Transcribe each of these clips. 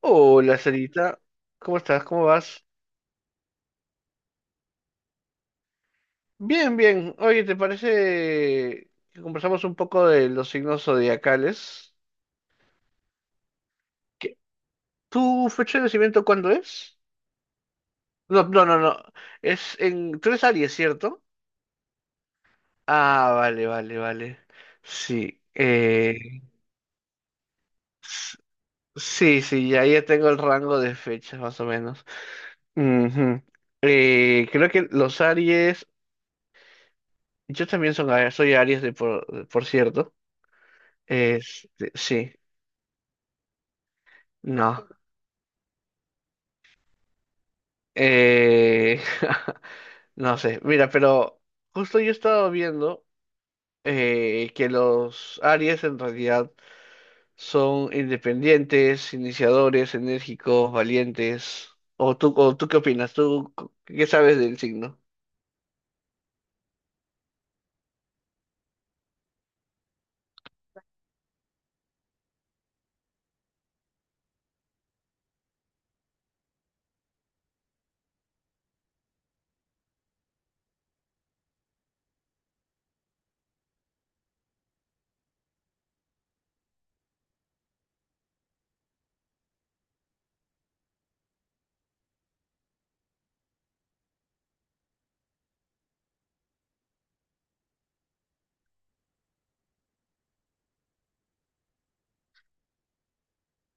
Hola, Sarita. ¿Cómo estás? ¿Cómo vas? Bien, bien. Oye, ¿te parece que conversamos un poco de los signos zodiacales? ¿Qué- ¿Tu fecha de nacimiento cuándo es? No, no, no, no. Es en... Tú eres Aries, ¿cierto? Ah, vale, vale, vale. Sí. S- Sí, sí, ya tengo el rango de fechas, más o menos. Ujú. Creo que los Aries... Yo también son, soy Aries, por cierto. Este, sí. No, eh, no sé, mira, pero justo yo estaba viendo que los Aries en realidad son independientes, iniciadores, enérgicos, valientes. ¿O tú qué opinas? ¿Qué sabes del signo?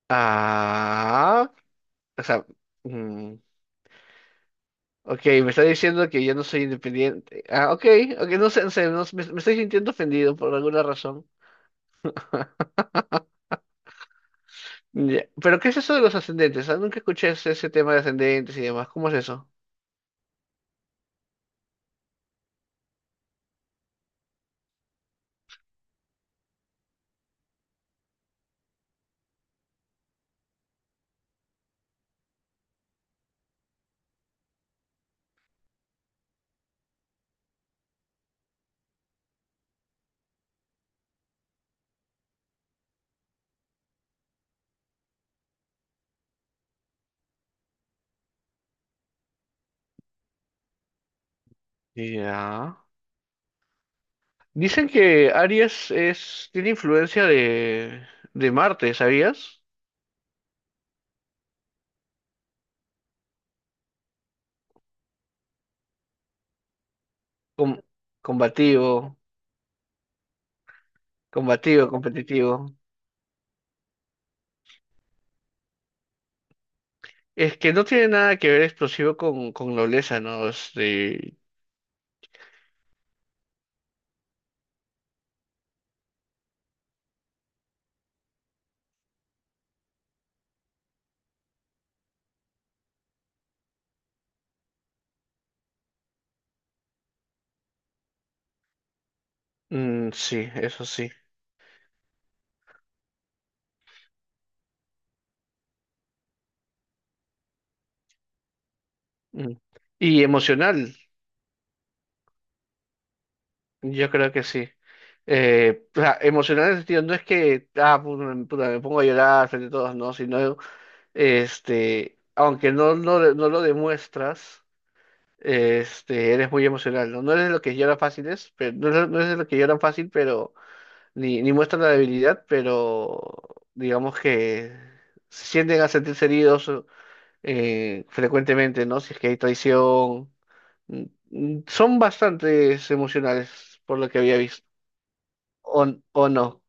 Ah, o sea, mm, ok, me está diciendo que yo no soy independiente. Ah, ok, ok, no sé, no sé, no sé, me estoy sintiendo ofendido por alguna razón. Ya, ¿pero qué es eso de los ascendentes? Ah, nunca escuché ese tema de ascendentes y demás. ¿Cómo es eso? Ya. Dicen que Aries es, tiene influencia de Marte, ¿sabías? Com- Combativo, combativo, competitivo. Es que no tiene nada que ver explosivo con nobleza, ¿no? Este, mm, sí, eso sí. Mm. Y emocional, yo creo que sí. O sea, emocional en el sentido, no es que, ah, puta, me pongo a llorar frente a todos, no, sino este, aunque no, no, no lo demuestras, este, eres muy emocional, ¿no? No eres de lo que llora fácil, es, pero, no, eres no eres de lo que lloran fácil, pero ni muestran la debilidad, pero digamos que sienten a sentirse heridos frecuentemente, ¿no? Si es que hay traición. Mm, mm, son bastantes emocionales, por lo que había visto. O, o no.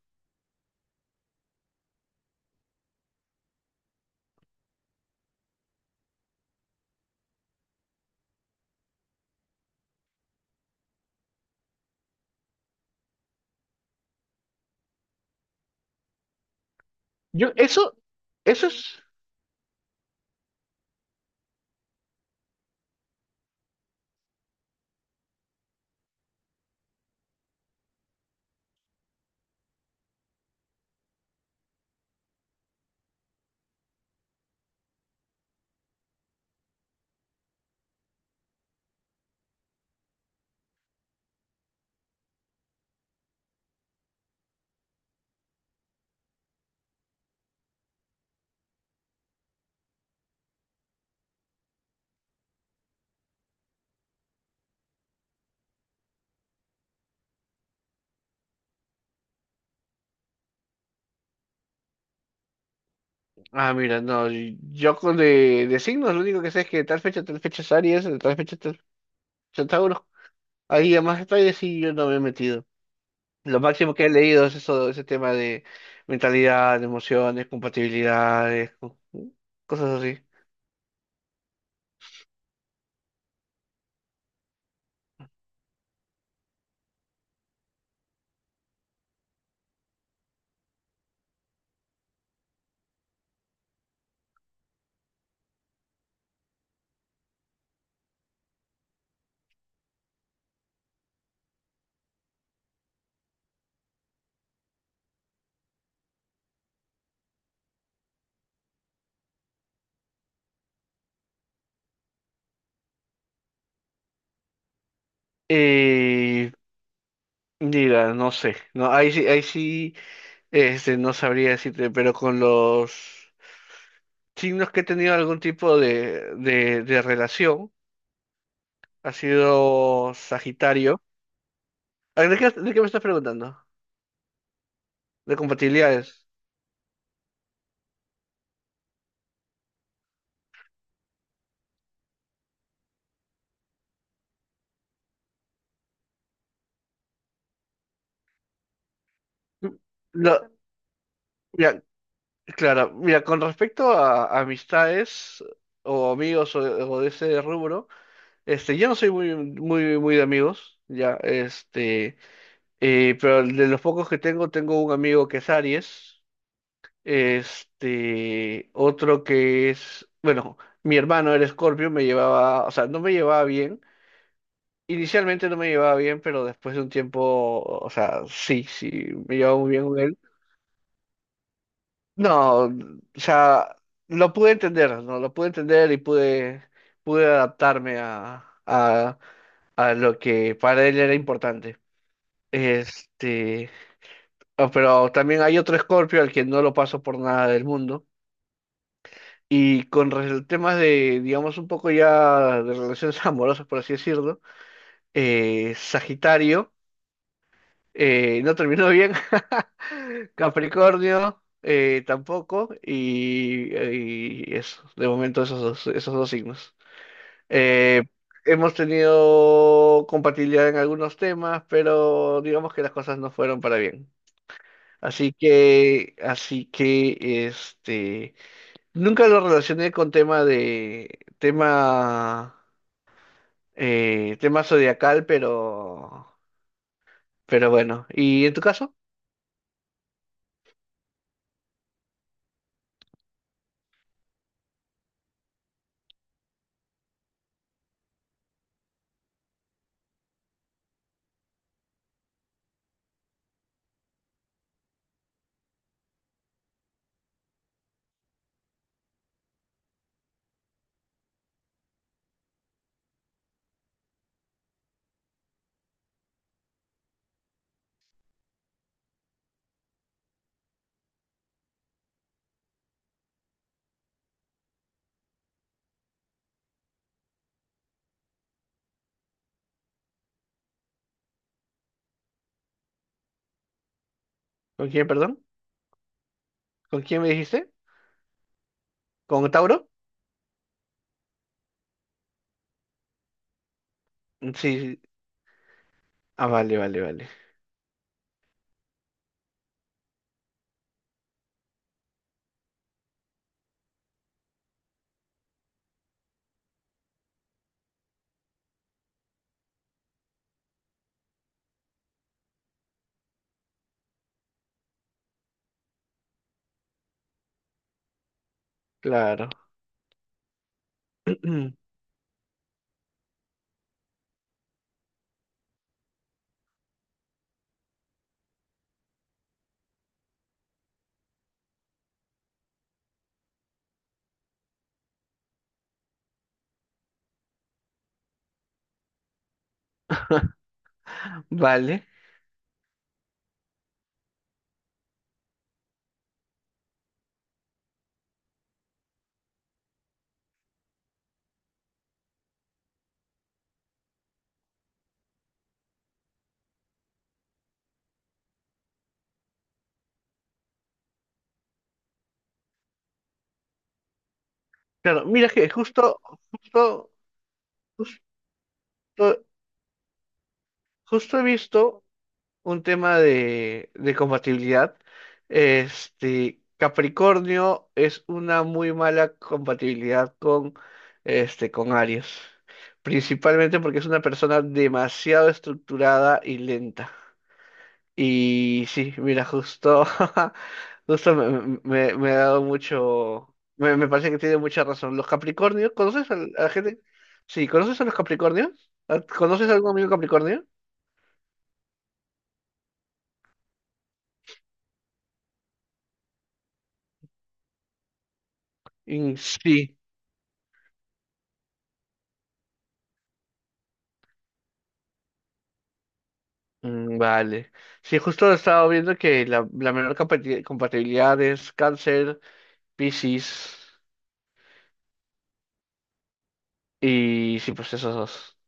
Yo, eso es. Ah, mira, no, yo con de signos lo único que sé es que de tal fecha es Aries, de tal fecha Tauro. Ahí a más detalles sí yo no me he metido. Lo máximo que he leído es eso, ese tema de mentalidad, emociones, compatibilidades, cosas así. Eh, Mira, no sé, no, ahí sí, este, no sabría decirte, pero con los signos que he tenido algún tipo de relación, ha sido Sagitario. ¿A de qué me estás preguntando? De compatibilidades. Lo- Mira, claro, mira, con respecto a amistades o amigos o de ese rubro, este, yo no soy muy, muy, muy de amigos, ya, este, pero de los pocos que tengo, tengo un amigo que es Aries, este, otro que es, bueno, mi hermano era Escorpio, me llevaba, o sea, no me llevaba bien. Inicialmente no me llevaba bien, pero después de un tiempo, o sea, sí, sí, me llevaba muy bien con él. No, o sea, lo pude entender, ¿no? Lo pude entender y pude, pude adaptarme a lo que para él era importante. Este, ah, pero también hay otro Scorpio al que no lo paso por nada del mundo. Y con temas de, digamos, un poco ya de relaciones amorosas, por así decirlo, Sagitario. No terminó bien. Capricornio, tampoco. Y eso, de momento esos dos signos. Eh, hemos tenido compatibilidad en algunos temas, pero digamos que las cosas no fueron para bien. Así que, este, nunca lo relacioné con tema de, tema, tema zodiacal, pero bueno. ¿Y en tu caso? ¿Con quién, perdón? ¿Con quién me dijiste? ¿Con Tauro? Sí, sí. Ah, vale, vale, vale. Claro. Vale. Claro, mira que justo, justo, justo, justo he visto un tema de compatibilidad. Este, Capricornio es una muy mala compatibilidad con, este, con Aries. Principalmente porque es una persona demasiado estructurada y lenta. Y sí, mira, justo, justo ha dado mucho, me parece que tiene mucha razón. Los Capricornios, ¿conoces a, la gente? Sí, ¿conoces a los Capricornios? ¿Conoces a algún amigo Capricornio? Mm, sí. Mm, vale. Sí, justo he estado viendo que la menor compatibilidad es Cáncer, Piscis y sí, pues esos dos.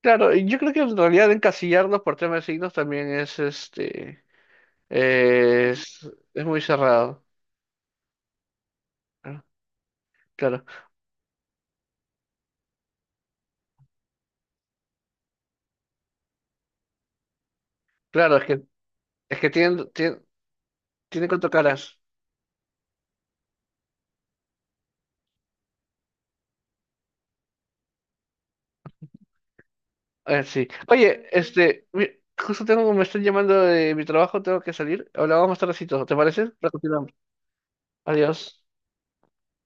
Claro, y yo creo que en realidad encasillarlos por temas de signos también es este, es muy cerrado. Ah, claro, claro, es que tienen, tienen, tienen cuatro caras. Sí. Oye, este, justo tengo, me están llamando de mi trabajo, tengo que salir. Hablamos más tardecito, ¿te parece? Para continuar. Adiós.